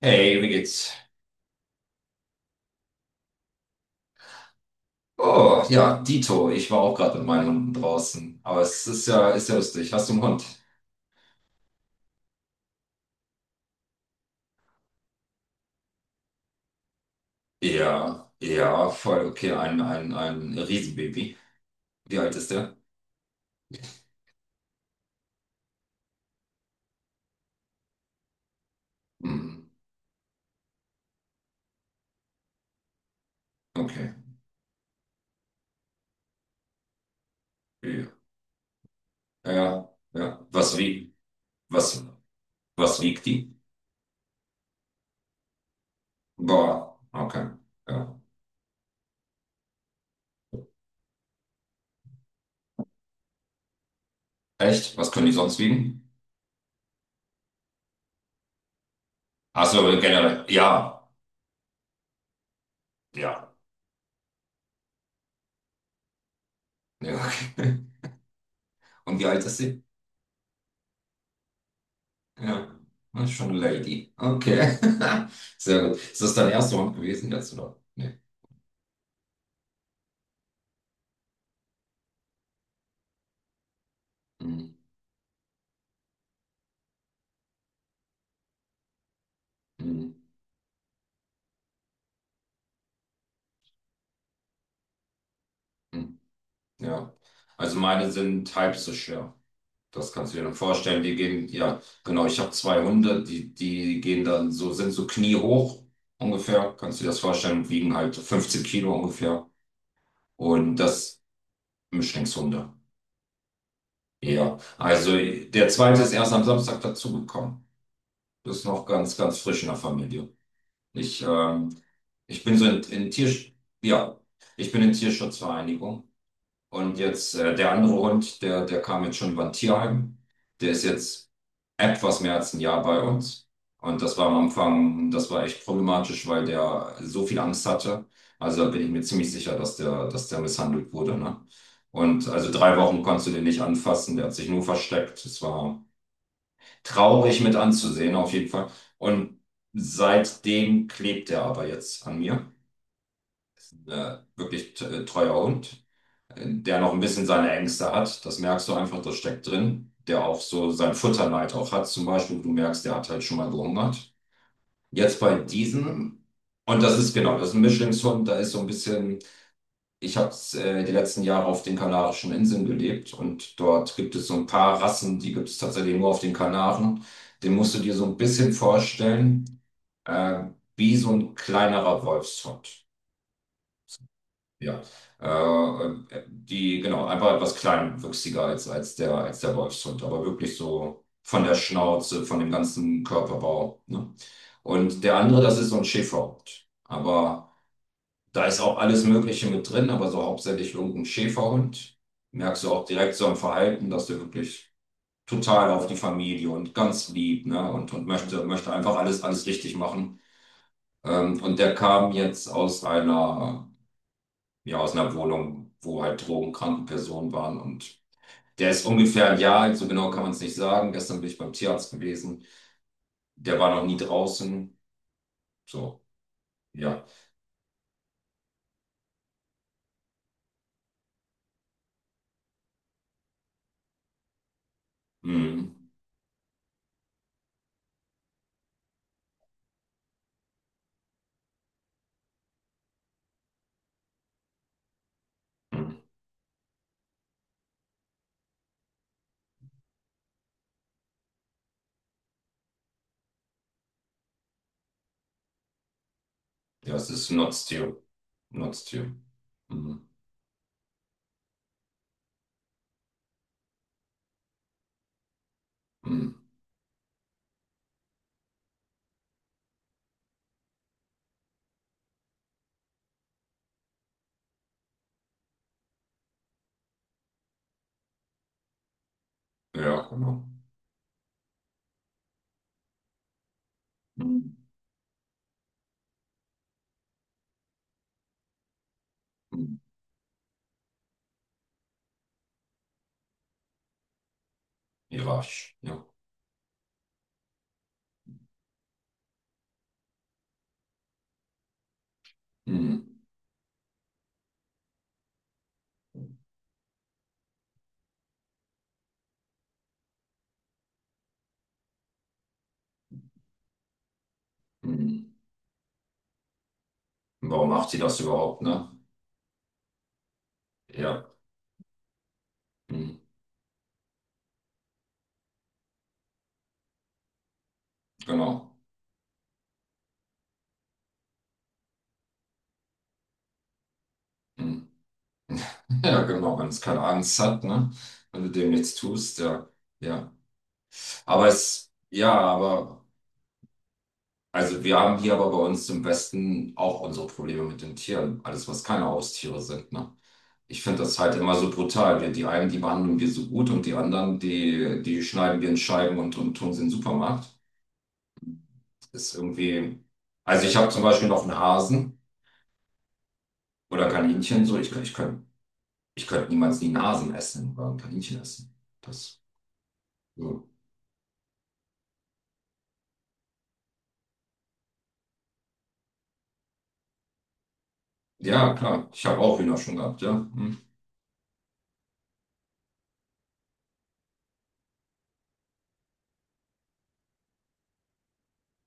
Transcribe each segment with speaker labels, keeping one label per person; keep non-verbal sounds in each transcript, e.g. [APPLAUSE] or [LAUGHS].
Speaker 1: Hey, wie geht's? Oh, ja, Dito, ich war auch gerade mit meinen Hunden draußen. Aber es ist ja lustig. Hast du einen Hund? Ja, ja, voll okay. Ein Riesenbaby. Wie alt ist der? Hm, okay. Ja, ja. ja. Was, was wiegt die? Boah, okay. Ja. Echt? Was können die sonst wiegen? Ach so, generell. Ja, ja. Ja, okay. [LAUGHS] Und wie alt ist sie? Ja, das ist schon eine Lady. Okay. [LAUGHS] Sehr gut. Ist das dein erster Hund gewesen jetzt, oder? Nee. Hm, hm, hm. Ja. Also meine sind halb so schwer. Das kannst du dir dann vorstellen. Die gehen, ja, genau, ich habe zwei Hunde, die gehen dann so, sind so kniehoch ungefähr. Kannst du dir das vorstellen? Wiegen halt 15 Kilo ungefähr. Und das Mischlingshunde. Ja. Also der zweite ist erst am Samstag dazugekommen. Ist noch ganz, ganz frisch in der Familie. Ich, ähm, ich bin so in Tier, ja, ich bin in Tierschutzvereinigung. Und jetzt der andere Hund, der kam jetzt schon über ein Tierheim. Der ist jetzt etwas mehr als ein Jahr bei uns. Und das war am Anfang, das war echt problematisch, weil der so viel Angst hatte. Also da bin ich mir ziemlich sicher, dass der misshandelt wurde, ne? Und also drei Wochen konntest du den nicht anfassen, der hat sich nur versteckt. Es war traurig mit anzusehen, auf jeden Fall. Und seitdem klebt er aber jetzt an mir. Wirklich treuer Hund, der noch ein bisschen seine Ängste hat. Das merkst du einfach, das steckt drin. Der auch so sein Futterneid auch hat. Zum Beispiel, du merkst, der hat halt schon mal gehungert. Jetzt bei diesem, und das ist genau, das ist ein Mischlingshund, da ist so ein bisschen. Ich habe die letzten Jahre auf den Kanarischen Inseln gelebt und dort gibt es so ein paar Rassen, die gibt es tatsächlich nur auf den Kanaren. Den musst du dir so ein bisschen vorstellen, äh, wie so ein kleinerer Wolfshund. Ja, äh, die, genau, einfach etwas kleinwüchsiger als, als der Wolfshund, aber wirklich so von der Schnauze, von dem ganzen Körperbau, ne? Und der andere, das ist so ein Schäferhund. Aber da ist auch alles Mögliche mit drin, aber so hauptsächlich irgendein Schäferhund. Merkst du auch direkt so am Verhalten, dass der wirklich total auf die Familie und ganz lieb, ne? Und, möchte einfach alles, alles richtig machen. Und der kam jetzt aus einer, ja, aus einer Wohnung, wo halt drogenkranke Personen waren. Und der ist ungefähr ein Jahr alt, so genau kann man es nicht sagen. Gestern bin ich beim Tierarzt gewesen. Der war noch nie draußen. So, ja. Mhm. Mhm. Ja, es ist ein Nutztier. Nutztier. Mhm. Mhm. Ja, genau. Mhm. Mhm. Hierarchisch, ja. Mhm. Mhm. Warum macht sie das überhaupt, ne? Ja, mhm. Genau. Mhm. [LAUGHS] Ja, genau, wenn es keine Angst hat, ne? Wenn du dem nichts tust, ja. Ja. Aber es, ja, aber, also wir haben hier aber bei uns im Westen auch unsere Probleme mit den Tieren. Alles, was keine Haustiere sind, ne? Ich finde das halt immer so brutal. Wir, die einen, die behandeln wir so gut und die anderen, die schneiden wir in Scheiben und tun sie in den Supermarkt. Ist irgendwie. Also ich habe zum Beispiel noch einen Hasen oder Kaninchen. So, ich könnte ich könnt niemals nie einen Hasen essen oder ein Kaninchen essen. Das. So. Ja, klar. Ich habe auch Hühner schon gehabt, ja. Mhm.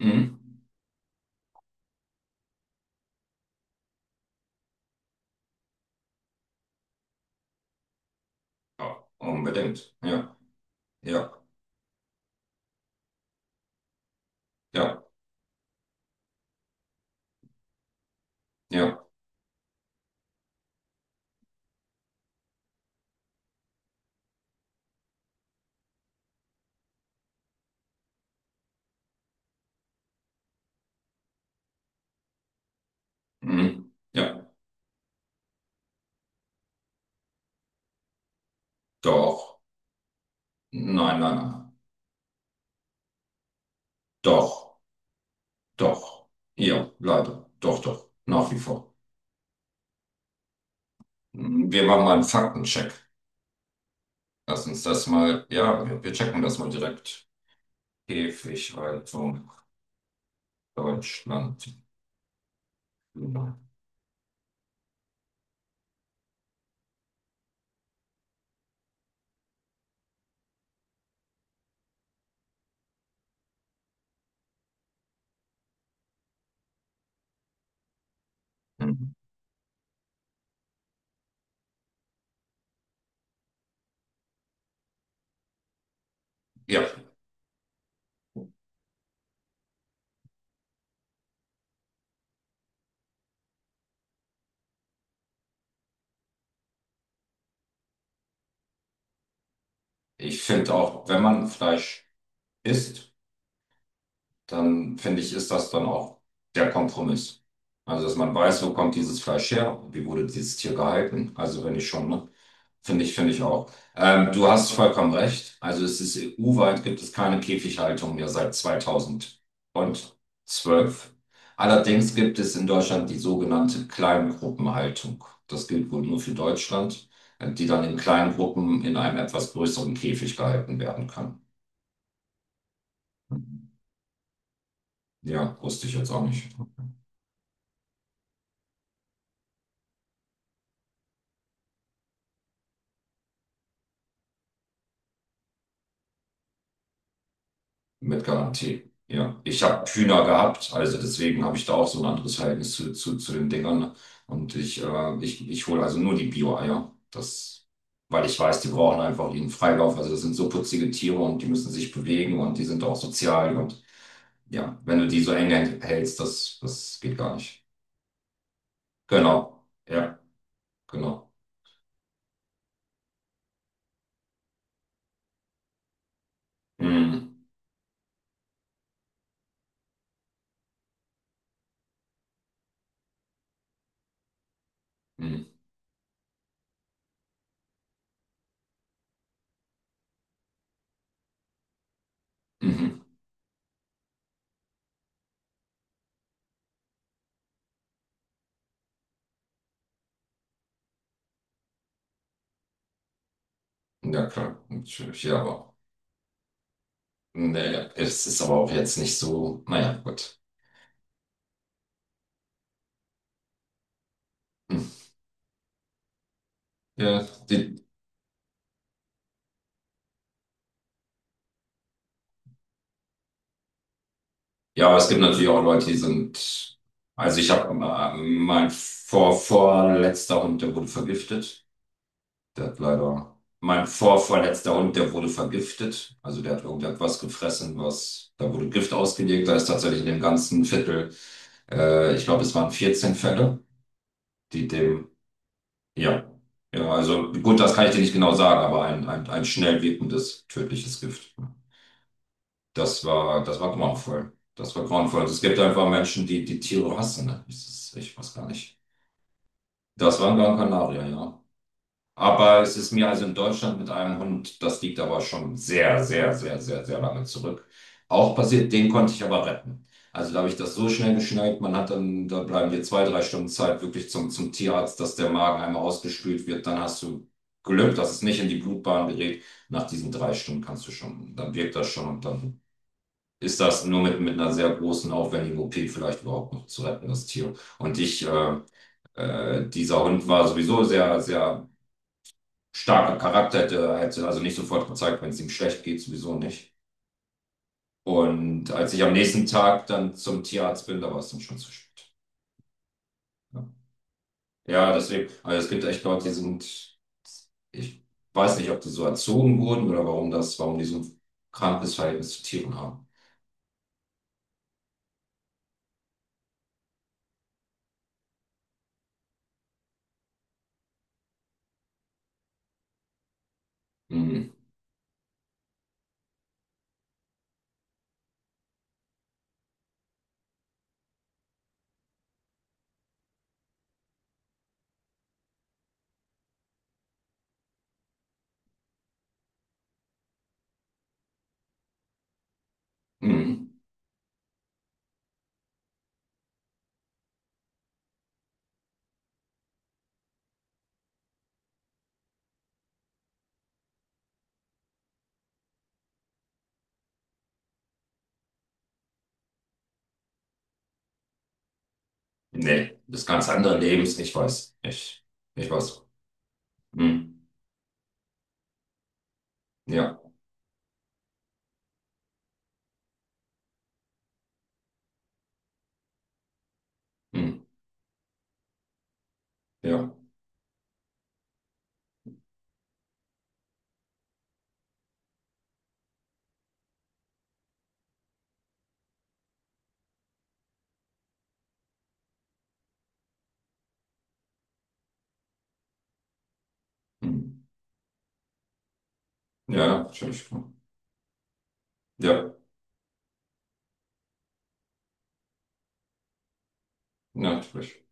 Speaker 1: Mhm. Ja, unbedingt. Ja, ja, ja, ja. Mhm. Ja, doch. Nein, nein, nein. Doch, doch. Ja, leider. Doch, doch. Nach wie vor. Mhm. Wir machen mal einen Faktencheck. Lass uns das mal, ja, wir checken das mal direkt. Käfighaltung. Deutschland. Mhm. Ja, ich finde auch, wenn man Fleisch isst, dann finde ich, ist das dann auch der Kompromiss. Also, dass man weiß, wo kommt dieses Fleisch her, wie wurde dieses Tier gehalten. Also, wenn ich schon, ne? Finde ich auch. Du hast vollkommen recht. Also, es ist EU-weit gibt es keine Käfighaltung mehr seit 2012. Allerdings gibt es in Deutschland die sogenannte Kleingruppenhaltung. Das gilt wohl nur für Deutschland, die dann in kleinen Gruppen in einem etwas größeren Käfig gehalten werden kann. Ja, wusste ich jetzt auch nicht. Mit Garantie. Ja, ich habe Hühner gehabt, also deswegen habe ich da auch so ein anderes Verhältnis zu den Dingern. Und ich hole also nur die Bio-Eier. Das, weil ich weiß, die brauchen einfach ihren Freilauf. Also das sind so putzige Tiere und die müssen sich bewegen und die sind auch sozial. Und ja, wenn du die so eng hältst, das geht gar nicht. Genau. Ja, genau. Mhm. Mhm. Mhm. Ja, klar. Natürlich, ja, aber. Naja, es ist aber auch jetzt nicht so. Naja, gut. Mhm. Ja, die, ja, aber es gibt natürlich auch Leute, die sind. Also ich habe mein vor vorletzter Hund, der wurde vergiftet. Der hat leider. Mein vorvorletzter Hund, der wurde vergiftet. Also der hat irgendetwas gefressen, was. Da wurde Gift ausgelegt. Da ist tatsächlich in dem ganzen Viertel, ich glaube, es waren 14 Fälle, die dem. Ja. Ja, also gut, das kann ich dir nicht genau sagen, aber ein schnell wirkendes, tödliches Gift. Das war grauenvoll. Das war grauenvoll. Und es gibt einfach Menschen, die die Tiere hassen. Ne? Das ist, ich weiß gar nicht. Das war in Gran Canaria, ja. Aber es ist mir also in Deutschland mit einem Hund, das liegt aber schon sehr, sehr, sehr, sehr, sehr lange zurück. Auch passiert, den konnte ich aber retten. Also da habe ich das so schnell geschnallt, man hat dann, da bleiben dir zwei, drei Stunden Zeit wirklich zum, zum Tierarzt, dass der Magen einmal ausgespült wird. Dann hast du Glück, dass es nicht in die Blutbahn gerät. Nach diesen drei Stunden kannst du schon, dann wirkt das schon und dann ist das nur mit einer sehr großen, aufwendigen OP vielleicht überhaupt noch zu retten, das Tier. Und dieser Hund war sowieso sehr, sehr starker Charakter, hätte, hätte also nicht sofort gezeigt, wenn es ihm schlecht geht, sowieso nicht. Und als ich am nächsten Tag dann zum Tierarzt bin, da war es dann schon zu spät. Ja, ja deswegen, also es gibt echt Leute, die sind, ich weiß nicht, ob die so erzogen wurden oder warum das, warum die so ein krankes Verhältnis zu Tieren haben. Mhm. Mhm. Nee, das ganz andere Lebens, ich weiß. Ich weiß. Hm. Ja, hm. ja, hm. Ja, natürlich. Ja, natürlich.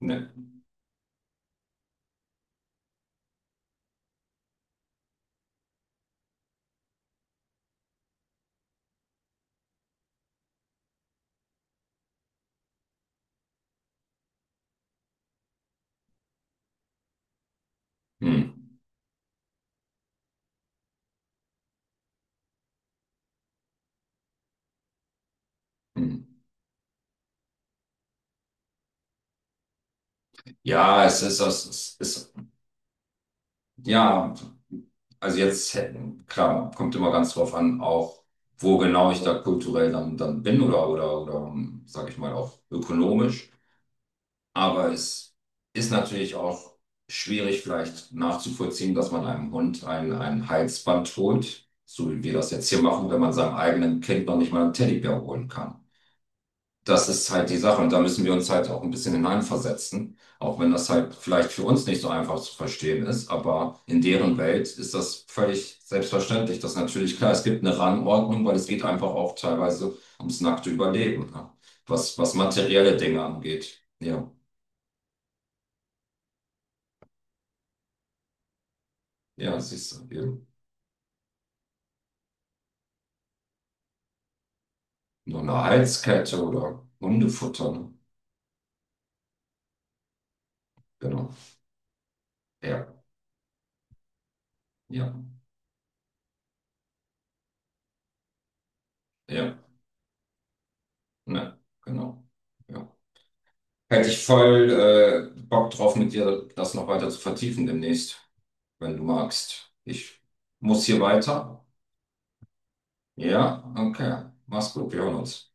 Speaker 1: Nee. Hm. Hm. Ja, es ist, ja, also jetzt, hätten- klar, kommt immer ganz drauf an, auch wo genau ich da kulturell dann bin oder, sag ich mal, auch ökonomisch. Aber es ist natürlich auch schwierig vielleicht nachzuvollziehen, dass man einem Hund ein Halsband holt, so wie wir das jetzt hier machen, wenn man seinem eigenen Kind noch nicht mal einen Teddybär holen kann. Das ist halt die Sache und da müssen wir uns halt auch ein bisschen hineinversetzen, auch wenn das halt vielleicht für uns nicht so einfach zu verstehen ist, aber in deren Welt ist das völlig selbstverständlich. Das ist natürlich klar, es gibt eine Rangordnung, weil es geht einfach auch teilweise ums nackte Überleben, ne? Was materielle Dinge angeht. Ja. Ja, siehst du, eben. Nur eine Halskette oder Hundefutter, ne? Genau. Ja, ja, ja, ne, genau. Ja. Hätte ich voll Bock drauf, mit dir das noch weiter zu vertiefen demnächst, wenn du magst. Ich muss hier weiter. Ja, okay. Mach's gut, wir hören uns.